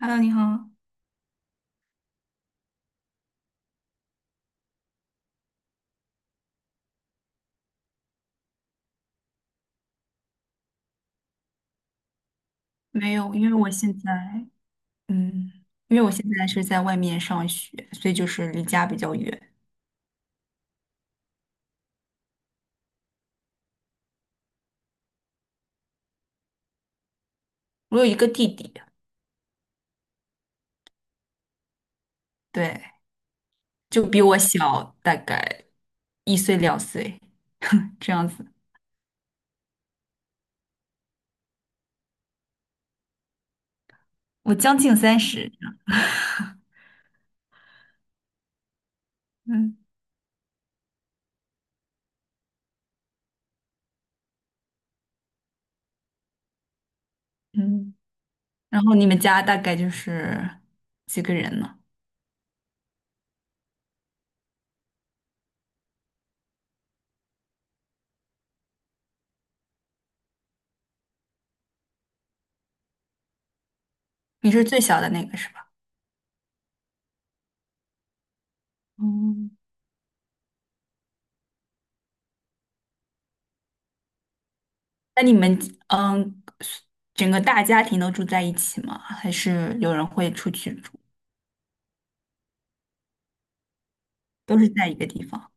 Hello，你好。没有，因为我现在，嗯，是在外面上学，所以就是离家比较远。我有一个弟弟，对，就比我小大概1岁2岁，这样子。我将近30，嗯嗯。然后你们家大概就是几个人呢？你是最小的那个是吧？嗯。那你们嗯，整个大家庭都住在一起吗？还是有人会出去住？都是在一个地方？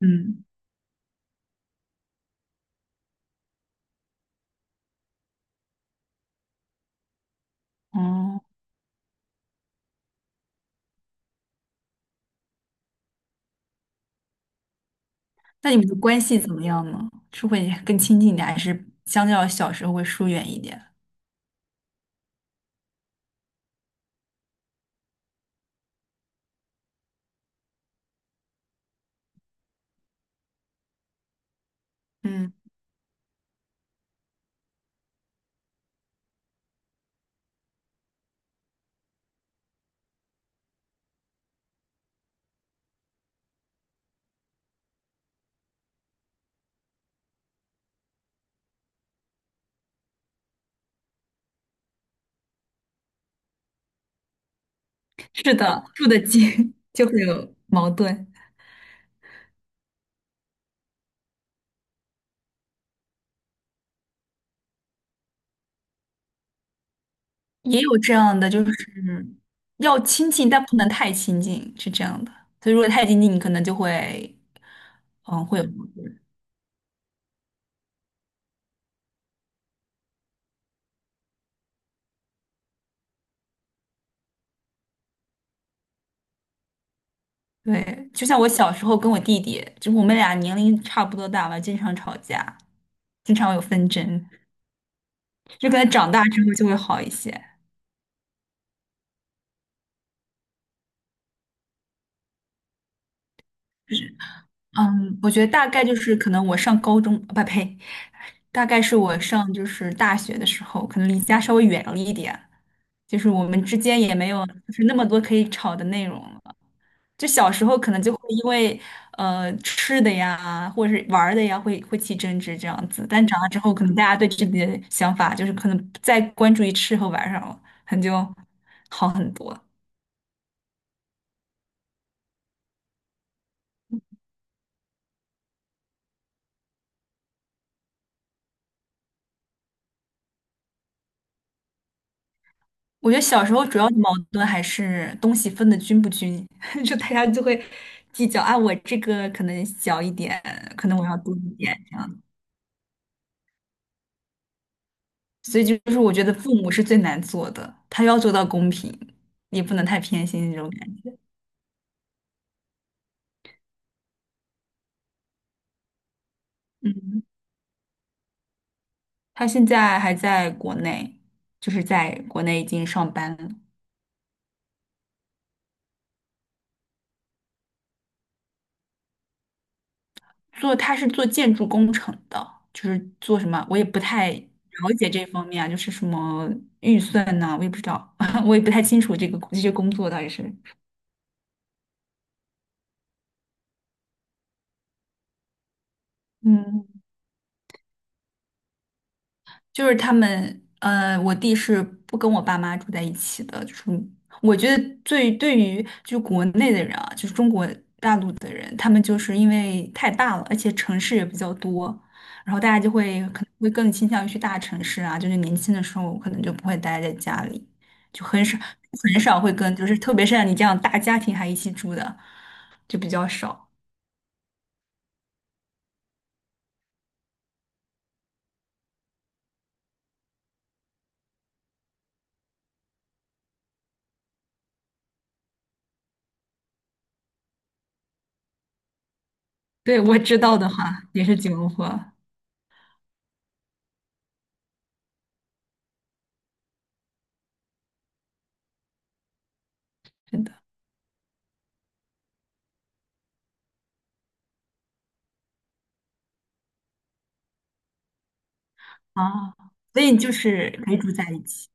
嗯。哦，那你们的关系怎么样呢？是会更亲近一点，还是相较小时候会疏远一点？嗯，是的，住得近 就会有矛盾。也有这样的，就是要亲近，但不能太亲近，是这样的。所以如果太亲近，你可能就会，会有矛盾。对，就像我小时候跟我弟弟，就是我们俩年龄差不多大吧，经常吵架，经常有纷争，就可能长大之后就会好一些。嗯，我觉得大概就是可能我上高中，不呸，大概是我上就是大学的时候，可能离家稍微远了一点，就是我们之间也没有就是那么多可以吵的内容了。就小时候可能就会因为吃的呀，或者是玩儿的呀，会起争执这样子。但长大之后，可能大家对自己的想法就是可能不再关注于吃和玩儿上了，可能就好很多。我觉得小时候主要的矛盾还是东西分的均不均，就大家就会计较啊，我这个可能小一点，可能我要多一点这样。所以就是我觉得父母是最难做的，他要做到公平，也不能太偏心那种感觉。嗯，他现在还在国内，就是在国内已经上班了。做他是做建筑工程的，就是做什么，我也不太了解这方面啊，就是什么预算呐、我也不知道，我也不太清楚这个这些工作到底是，嗯，就是他们，我弟是不跟我爸妈住在一起的，就是我觉得最对于就国内的人啊，就是中国大陆的人，他们就是因为太大了，而且城市也比较多，然后大家就会可能会更倾向于去大城市啊，就是年轻的时候可能就不会待在家里，就很少会跟，就是特别是像你这样大家庭还一起住的，就比较少。对，我知道的话也是九龙坡，真的啊，所以就是可以住在一起。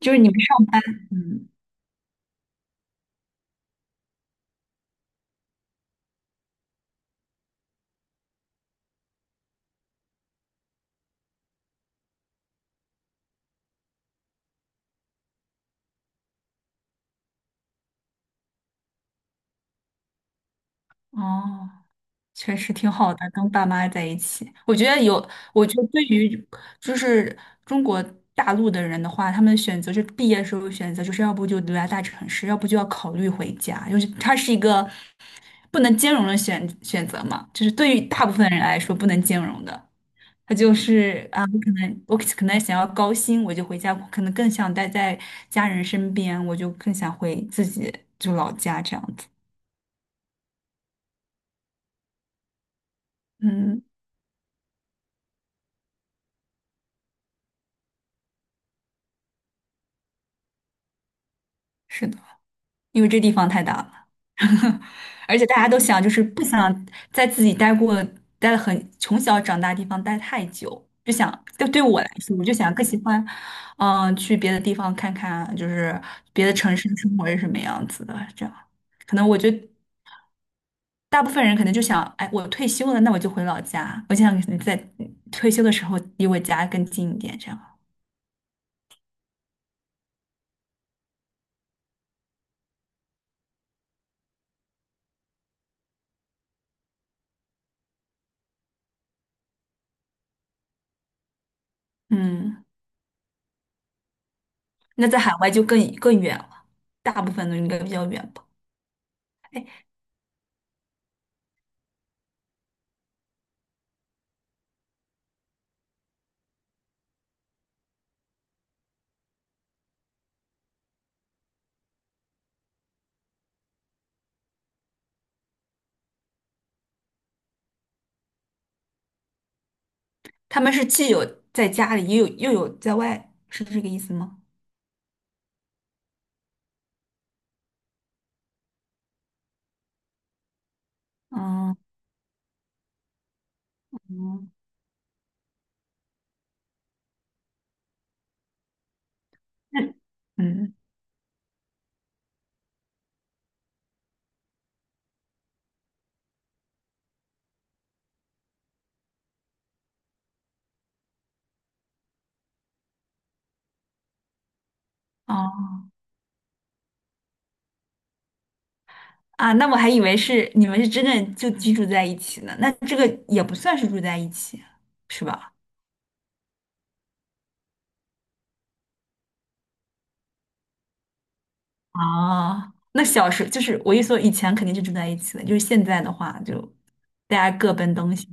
就是你们上，嗯，哦，确实挺好的，跟爸妈在一起。我觉得有，我觉得对于就是中国大陆的人的话，他们选择是毕业时候选择，就是要不就留在大城市，要不就要考虑回家，就是它是一个不能兼容的选择嘛，就是对于大部分人来说不能兼容的。他就是啊，我可能想要高薪，我就回家，可能更想待在家人身边，我就更想回自己就老家这样子。嗯。是的，因为这地方太大了，而且大家都想就是不想在自己待了很从小长大的地方待太久，就想就对我来说，我就想更喜欢，嗯、去别的地方看看，就是别的城市的生活是什么样子的。这样，可能我觉得大部分人可能就想，哎，我退休了，那我就回老家，我就想在退休的时候离我家更近一点，这样。嗯，那在海外就更更远了，大部分都应该比较远吧。哎。他们是既有在家里，也有又有在外，是这个意思吗？嗯嗯，那嗯哦啊，那我还以为是你们是真正就居住在一起呢，那这个也不算是住在一起，是吧？啊，那小时就是我一说以前肯定是住在一起的，就是现在的话就大家各奔东西。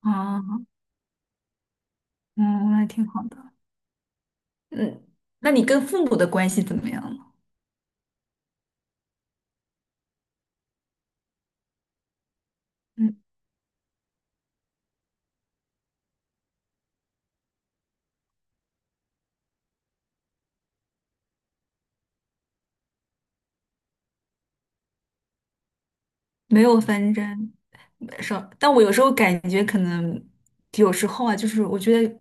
啊，嗯，那挺好的。嗯，那你跟父母的关系怎么样了？嗯，没有纷争。是，但我有时候感觉可能有时候啊，就是我觉得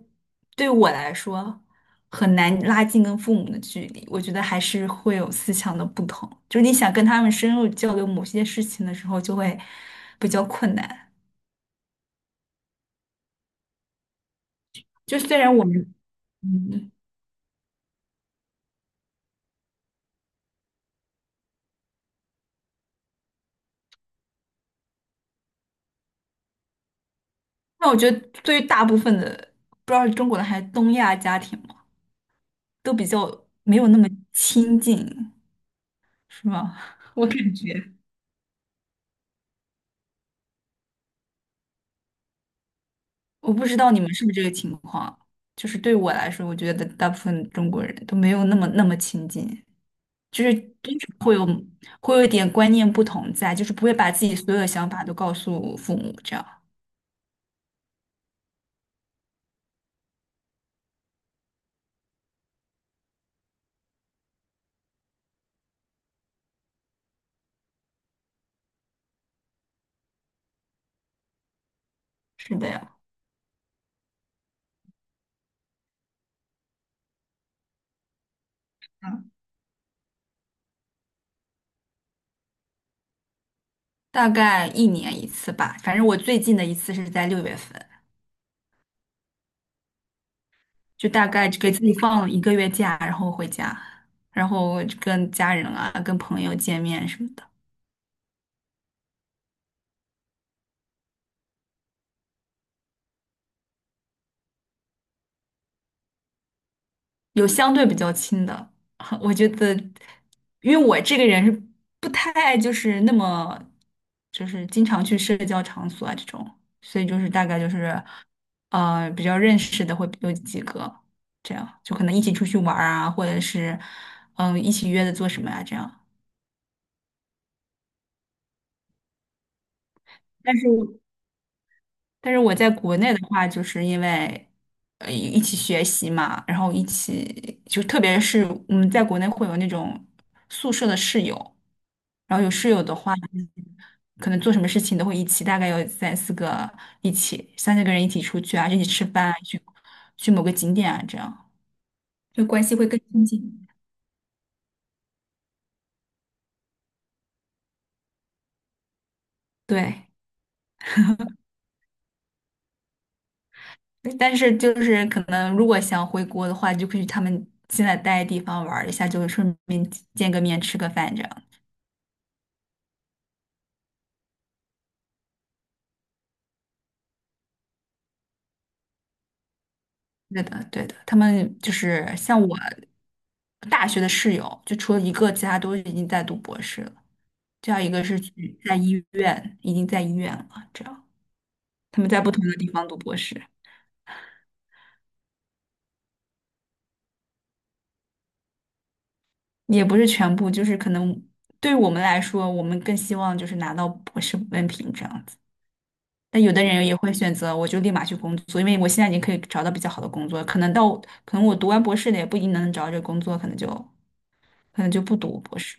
对我来说很难拉近跟父母的距离，我觉得还是会有思想的不同，就是你想跟他们深入交流某些事情的时候，就会比较困难。就虽然我们，嗯，那我觉得对于大部分的，不知道是中国的还是东亚家庭嘛，都比较没有那么亲近，是吗？我感觉。我不知道你们是不是这个情况，就是对我来说，我觉得大部分中国人都没有那么那么亲近，就是多少会有一点观念不同在，就是不会把自己所有的想法都告诉父母，这样。是的呀，嗯，大概1年1次吧，反正我最近的一次是在6月份，就大概给自己放了1个月假，然后回家，然后跟家人啊、跟朋友见面什么的。有相对比较亲的，我觉得，因为我这个人是不太就是那么，就是经常去社交场所啊这种，所以就是大概就是，比较认识的会有几个，这样就可能一起出去玩儿啊，或者是，嗯、一起约着做什么呀、这样。但是但是我在国内的话，就是因为一起学习嘛，然后一起就特别是在国内会有那种宿舍的室友，然后有室友的话，可能做什么事情都会一起，大概有三四个一起，三四个人一起出去啊，一起吃饭啊，去去某个景点啊，这样就关系会更亲近。对，但是就是可能如果想回国的话，就可以去他们现在待的地方玩儿一下，就是顺便见个面，吃个饭这样。对的，对的，他们就是像我大学的室友，就除了一个，其他都已经在读博士了。这样一个是去在医院，已经在医院了。这样，他们在不同的地方读博士，也不是全部，就是可能对于我们来说，我们更希望就是拿到博士文凭这样子。但有的人也会选择，我就立马去工作，因为我现在已经可以找到比较好的工作。可能到，可能我读完博士的也不一定能找到这个工作，可能就不读博士。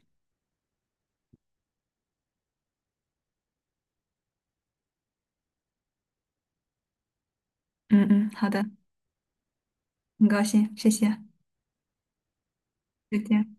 嗯嗯，好的，很高兴，谢谢，再见。